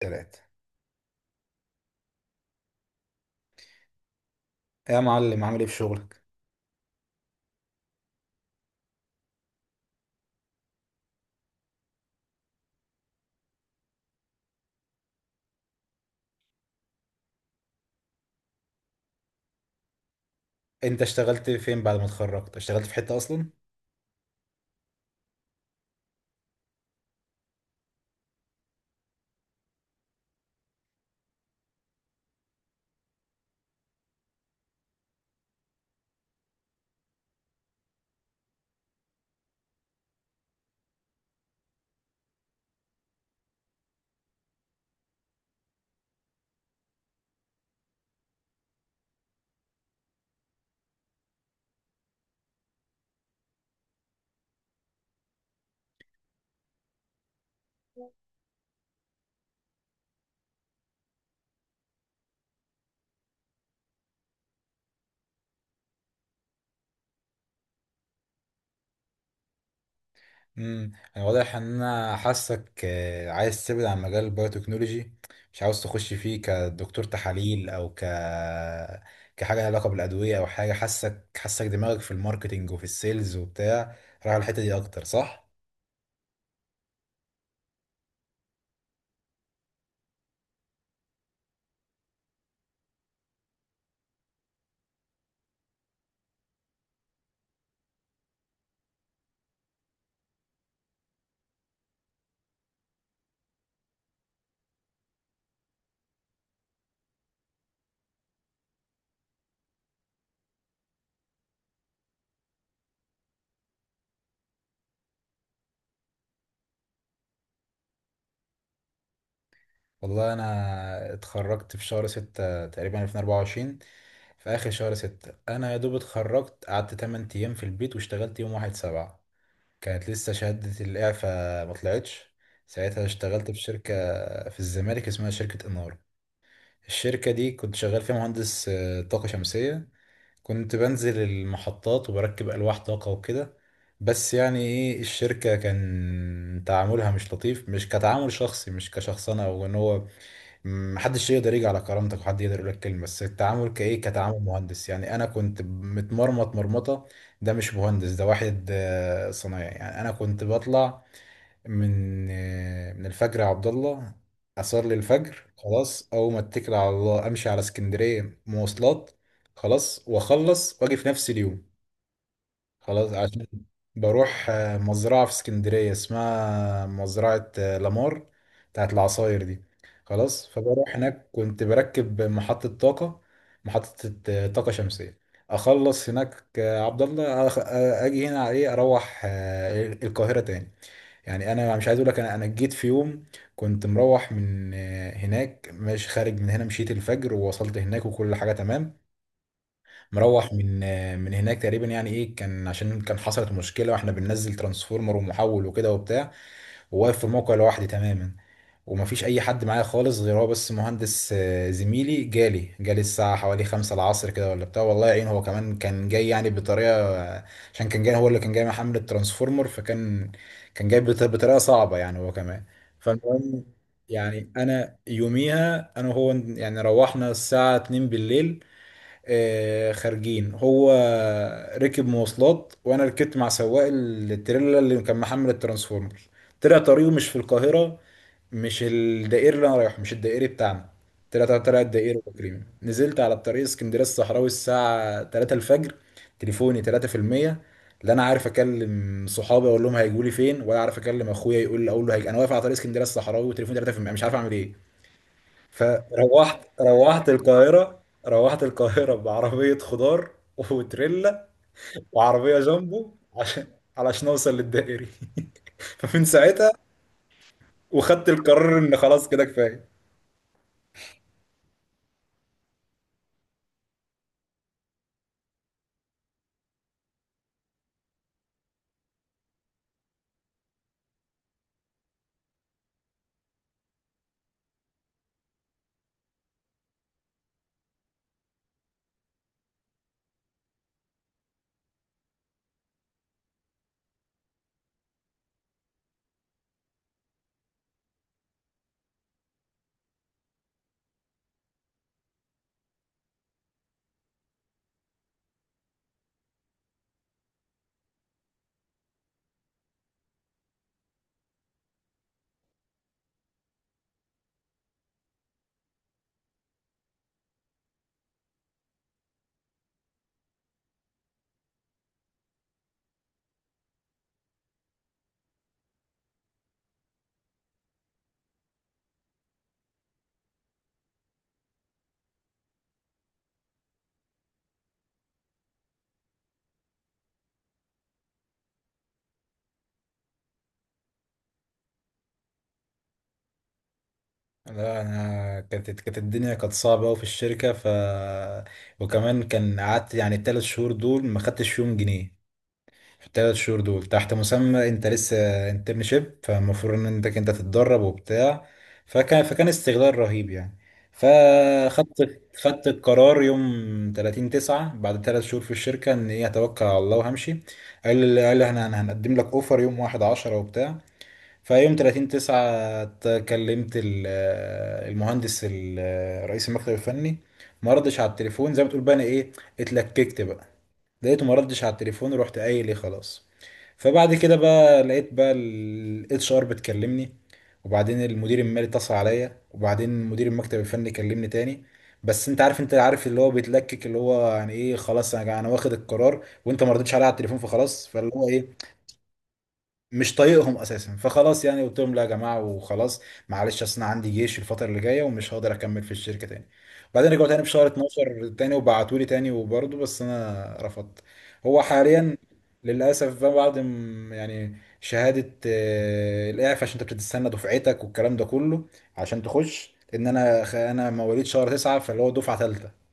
تلاتة، يا معلم، عامل ايه في شغلك؟ انت اشتغلت فين بعد ما اتخرجت؟ اشتغلت في حتة اصلا؟ امم انا واضح ان انا حاسك عايز تبعد عن مجال البايوتكنولوجي، مش عاوز تخش فيه كدكتور تحاليل او كحاجة لها علاقة بالادوية او حاجة. حاسك دماغك في الماركتينج وفي السيلز وبتاع، رايح على الحتة دي اكتر، صح؟ والله انا اتخرجت في شهر 6 تقريبا 2024. في اخر شهر 6 انا يا دوب اتخرجت، قعدت 8 ايام في البيت واشتغلت يوم 1 7. كانت لسه شهادة الإعفاء ما طلعتش. ساعتها اشتغلت في شركة في الزمالك اسمها شركة إنارة. الشركة دي كنت شغال فيها مهندس طاقة شمسية، كنت بنزل المحطات وبركب ألواح طاقة وكده. بس يعني إيه، الشركة كان تعاملها مش لطيف، مش كتعامل شخصي، مش كشخص أنا أو إن هو محدش يقدر يجي على كرامتك وحد يقدر يقول لك كلمه، بس التعامل كايه كتعامل مهندس. يعني انا كنت متمرمط مرمطه، ده مش مهندس، ده واحد صنايعي. يعني انا كنت بطلع من الفجر، يا عبد الله، اصلي الفجر خلاص، اول ما اتكل على الله امشي على اسكندريه مواصلات، خلاص، واخلص واجي في نفس اليوم. خلاص، عشان بروح مزرعة في اسكندرية اسمها مزرعة لامار، بتاعت العصاير دي. خلاص، فبروح هناك كنت بركب محطة طاقة، محطة طاقة شمسية. أخلص هناك، عبد الله، أجي هنا على إيه، أروح القاهرة تاني. يعني أنا مش عايز أقول لك، أنا جيت في يوم كنت مروح من هناك، مش خارج من هنا، مشيت الفجر ووصلت هناك وكل حاجة تمام. مروح من هناك تقريبا، يعني ايه، كان عشان كان حصلت مشكله واحنا بننزل ترانسفورمر ومحول وكده وبتاع، وواقف في الموقع لوحدي تماما ومفيش اي حد معايا خالص غير هو بس، مهندس زميلي، جالي الساعه حوالي 5 العصر كده ولا بتاع. والله يعين، هو كمان كان جاي يعني بطريقه، آه، عشان كان جاي، هو اللي كان جاي محمل الترانسفورمر. فكان جاي بطريقه صعبه، يعني هو كمان. فالمهم، يعني انا يوميها انا وهو يعني روحنا الساعه 2 بالليل، خارجين. هو ركب مواصلات، وانا ركبت مع سواق التريلا اللي كان محمل الترانسفورمر. طلع طريقه مش في القاهرة، مش الدائري اللي انا رايحه، مش الدائري بتاعنا، طلع الدائري تقريبا. نزلت على الطريق اسكندرية الصحراوي الساعة 3 الفجر، تليفوني 3%. لا انا عارف اكلم صحابي اقول لهم هيجوا لي فين، ولا عارف اكلم اخويا، يقول لي اقول له هيجي. انا واقف على طريق اسكندريه الصحراوي وتليفوني 3%، مش عارف اعمل ايه. فروحت القاهرة، روحت القاهرة بعربية خضار وتريلا وعربية جامبو، عشان علشان اوصل للدائري. فمن ساعتها وخدت القرار ان خلاص كده كفاية. لا انا كانت الدنيا كانت صعبة قوي في الشركة، وكمان كان قعدت يعني الـ 3 شهور دول ما خدتش فيهم جنيه. في الـ 3 شهور دول تحت مسمى انت لسه انترنشيب، فالمفروض ان انت تتدرب وبتاع. فكان استغلال رهيب يعني. فخدت القرار يوم 30 9 بعد 3 شهور في الشركة، ان ايه، هتوكل على الله وهمشي. قال احنا هنقدم لك اوفر يوم 1 10 وبتاع. فيوم 30 9 كلمت المهندس رئيس المكتب الفني، ما ردش على التليفون، زي ما تقول بقى انا ايه، اتلككت بقى. لقيته ما ردش على التليفون ورحت قايل ايه خلاص. فبعد كده بقى لقيت بقى الاتش ار بتكلمني، وبعدين المدير المالي اتصل عليا، وبعدين مدير المكتب الفني كلمني تاني. بس انت عارف، انت عارف اللي هو بيتلكك، اللي هو يعني ايه خلاص، انا واخد القرار، وانت ما ردتش عليا على التليفون، فخلاص، فاللي هو ايه، مش طايقهم اساسا. فخلاص، يعني قلت لهم لا يا جماعه وخلاص، معلش اصل انا عندي جيش الفتره اللي جايه ومش هقدر اكمل في الشركه تاني. بعدين رجعوا تاني في شهر 12 تاني، وبعتوا لي تاني، وبرضه بس انا رفضت. هو حاليا للاسف بقى، بعد يعني شهاده الاعفاء، عشان انت بتستنى دفعتك والكلام ده كله عشان تخش، ان انا، مواليد شهر 9، فاللي هو دفعه ثالثه،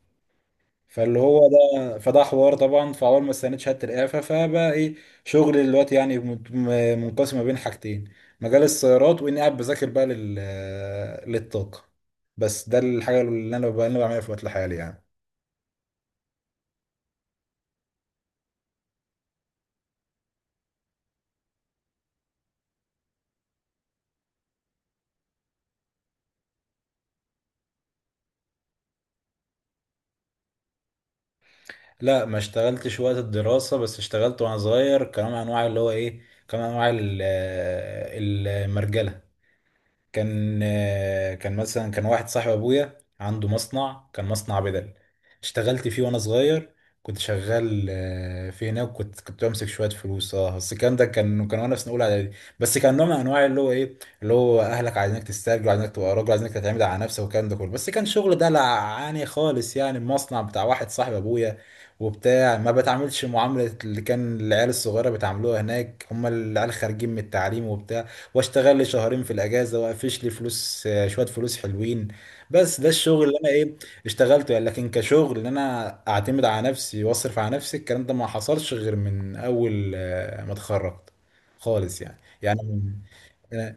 فاللي هو ده، فده حوار طبعا. فاول ما استنيت شهاده الإعفاء، فبقى ايه، شغلي دلوقتي يعني منقسم ما بين حاجتين، مجال السيارات، واني قاعد بذاكر بقى للطاقه. بس ده الحاجه اللي انا اللي أنا بعملها في وقت الحالي يعني. لا، ما اشتغلتش وقت الدراسه، بس اشتغلت وانا صغير كنوع من انواع اللي هو ايه، كنوع من انواع المرجله. كان مثلا كان واحد صاحب ابويا عنده مصنع، كان مصنع بدل، اشتغلت فيه وانا صغير. كنت شغال في هناك، وكنت بمسك شويه فلوس، اه، بس الكلام ده كان وانا في سنه اولى اعدادي. بس كان نوع من انواع اللي هو ايه، اللي هو اهلك عايزينك تسترجل، عايزينك تبقى راجل، عايزينك تعتمد على نفسك والكلام ده كله، بس كان شغل دلعاني خالص. يعني المصنع بتاع واحد صاحب ابويا وبتاع، ما بتعاملش معامله اللي كان العيال الصغيره بيتعاملوها هناك، هم العيال خارجين من التعليم وبتاع. واشتغل لي شهرين في الاجازه، وافيش لي فلوس شويه فلوس حلوين. بس ده الشغل اللي انا ايه، اشتغلته يعني. لكن كشغل ان انا اعتمد على نفسي واصرف على نفسي، الكلام ده ما حصلش غير من اول ما اتخرجت خالص، يعني من أنا.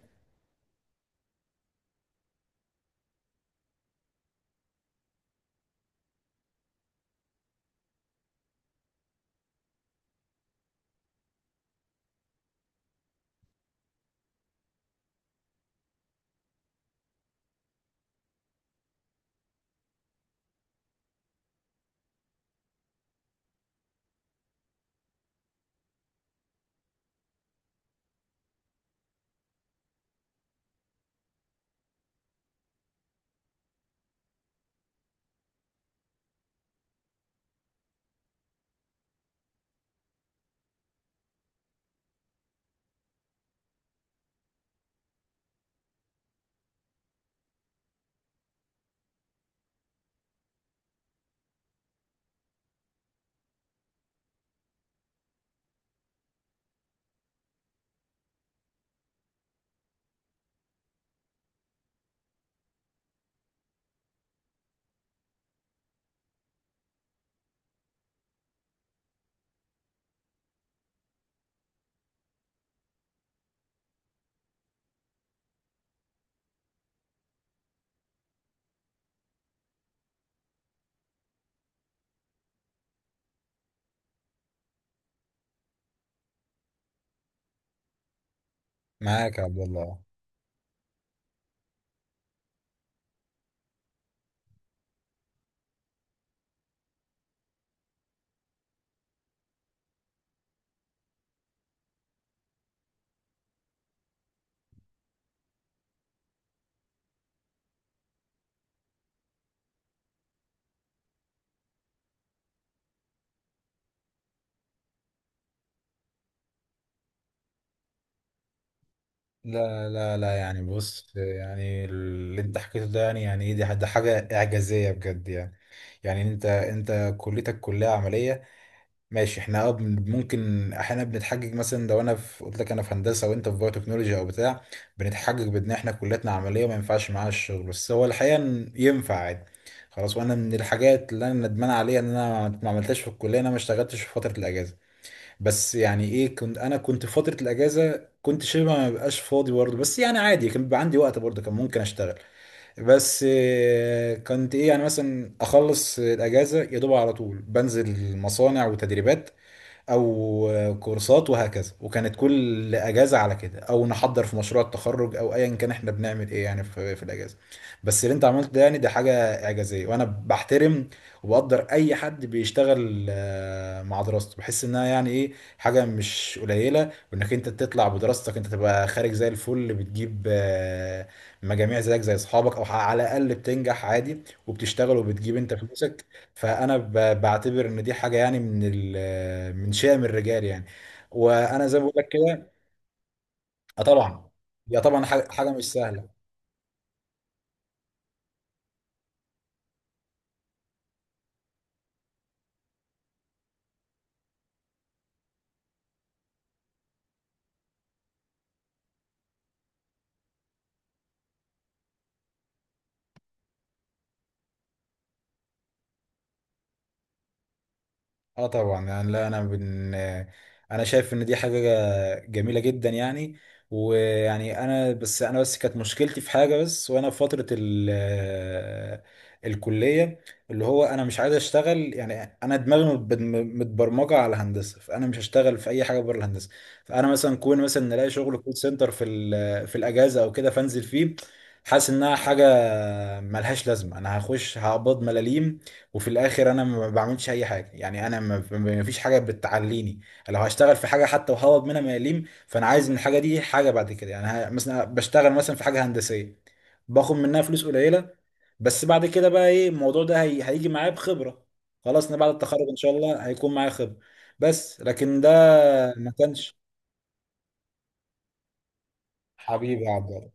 معاك يا عبد الله. لا لا لا، يعني بص، يعني اللي انت حكيته ده، يعني ايه، دي حاجه اعجازيه بجد يعني. يعني انت كليتك كليه عمليه، ماشي، احنا اه ممكن احيانا بنتحجج، مثلا لو انا قلت لك انا في هندسه وانت في بايو تكنولوجي او بتاع، بنتحجج بان احنا كلياتنا عمليه ما ينفعش معاها الشغل، بس هو الحقيقه إن ينفع عادي. خلاص، وانا من الحاجات اللي انا ندمان عليها ان انا ما عملتهاش في الكليه، إن انا ما اشتغلتش في فتره الاجازه. بس يعني ايه، كنت انا في فتره الاجازه كنت شبه ما بقاش فاضي برضه، بس يعني عادي كان بيبقى عندي وقت برضه، كان ممكن اشتغل. بس كنت ايه يعني، مثلا اخلص الاجازه يا دوب على طول بنزل مصانع وتدريبات او كورسات وهكذا، وكانت كل اجازه على كده، او نحضر في مشروع التخرج او ايا كان احنا بنعمل ايه يعني في الاجازه. بس اللي انت عملته ده، يعني ده حاجه اعجازيه، وانا بحترم وبقدر اي حد بيشتغل مع دراسته. بحس انها يعني ايه، حاجه مش قليله، وانك انت تطلع بدراستك، انت تبقى خارج زي الفل، بتجيب مجاميع زيك زي اصحابك، او على الاقل بتنجح عادي، وبتشتغل وبتجيب انت فلوسك. فانا بعتبر ان دي حاجه يعني من من شأم الرجال يعني، وانا زي ما بقول لك كده. آه طبعا، هي طبعا حاجة مش سهله. اه طبعا، يعني لا انا، شايف ان دي حاجه جميله جدا يعني. ويعني انا بس كانت مشكلتي في حاجه، بس وانا في فتره الكليه، اللي هو انا مش عايز اشتغل، يعني انا دماغي متبرمجه على الهندسه، فانا مش هشتغل في اي حاجه بره الهندسه. فانا مثلا كون مثلا نلاقي شغل كول سنتر في الاجازه او كده فانزل فيه. حاسس انها حاجه ملهاش لازمه، انا هخش هقبض ملاليم، وفي الاخر انا ما بعملش اي حاجه، يعني انا ما فيش حاجه بتعليني. لو هشتغل في حاجه حتى وهوب منها ما يليم، فانا عايز من الحاجه دي حاجه بعد كده، يعني مثلا بشتغل مثلا في حاجه هندسيه باخد منها فلوس قليله، بس بعد كده بقى ايه، الموضوع ده هيجي معايا بخبره. خلاص، انا بعد التخرج ان شاء الله هيكون معايا خبره. بس لكن ده ما كانش. حبيبي يا عبد الله.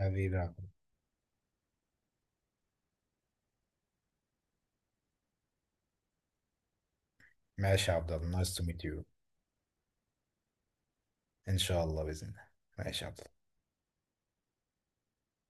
حبيبي يا عبد الله. ماشي يا عبد الله، نايس تو ميت يو. ان شاء الله باذن الله. ماشي يا عبد الله.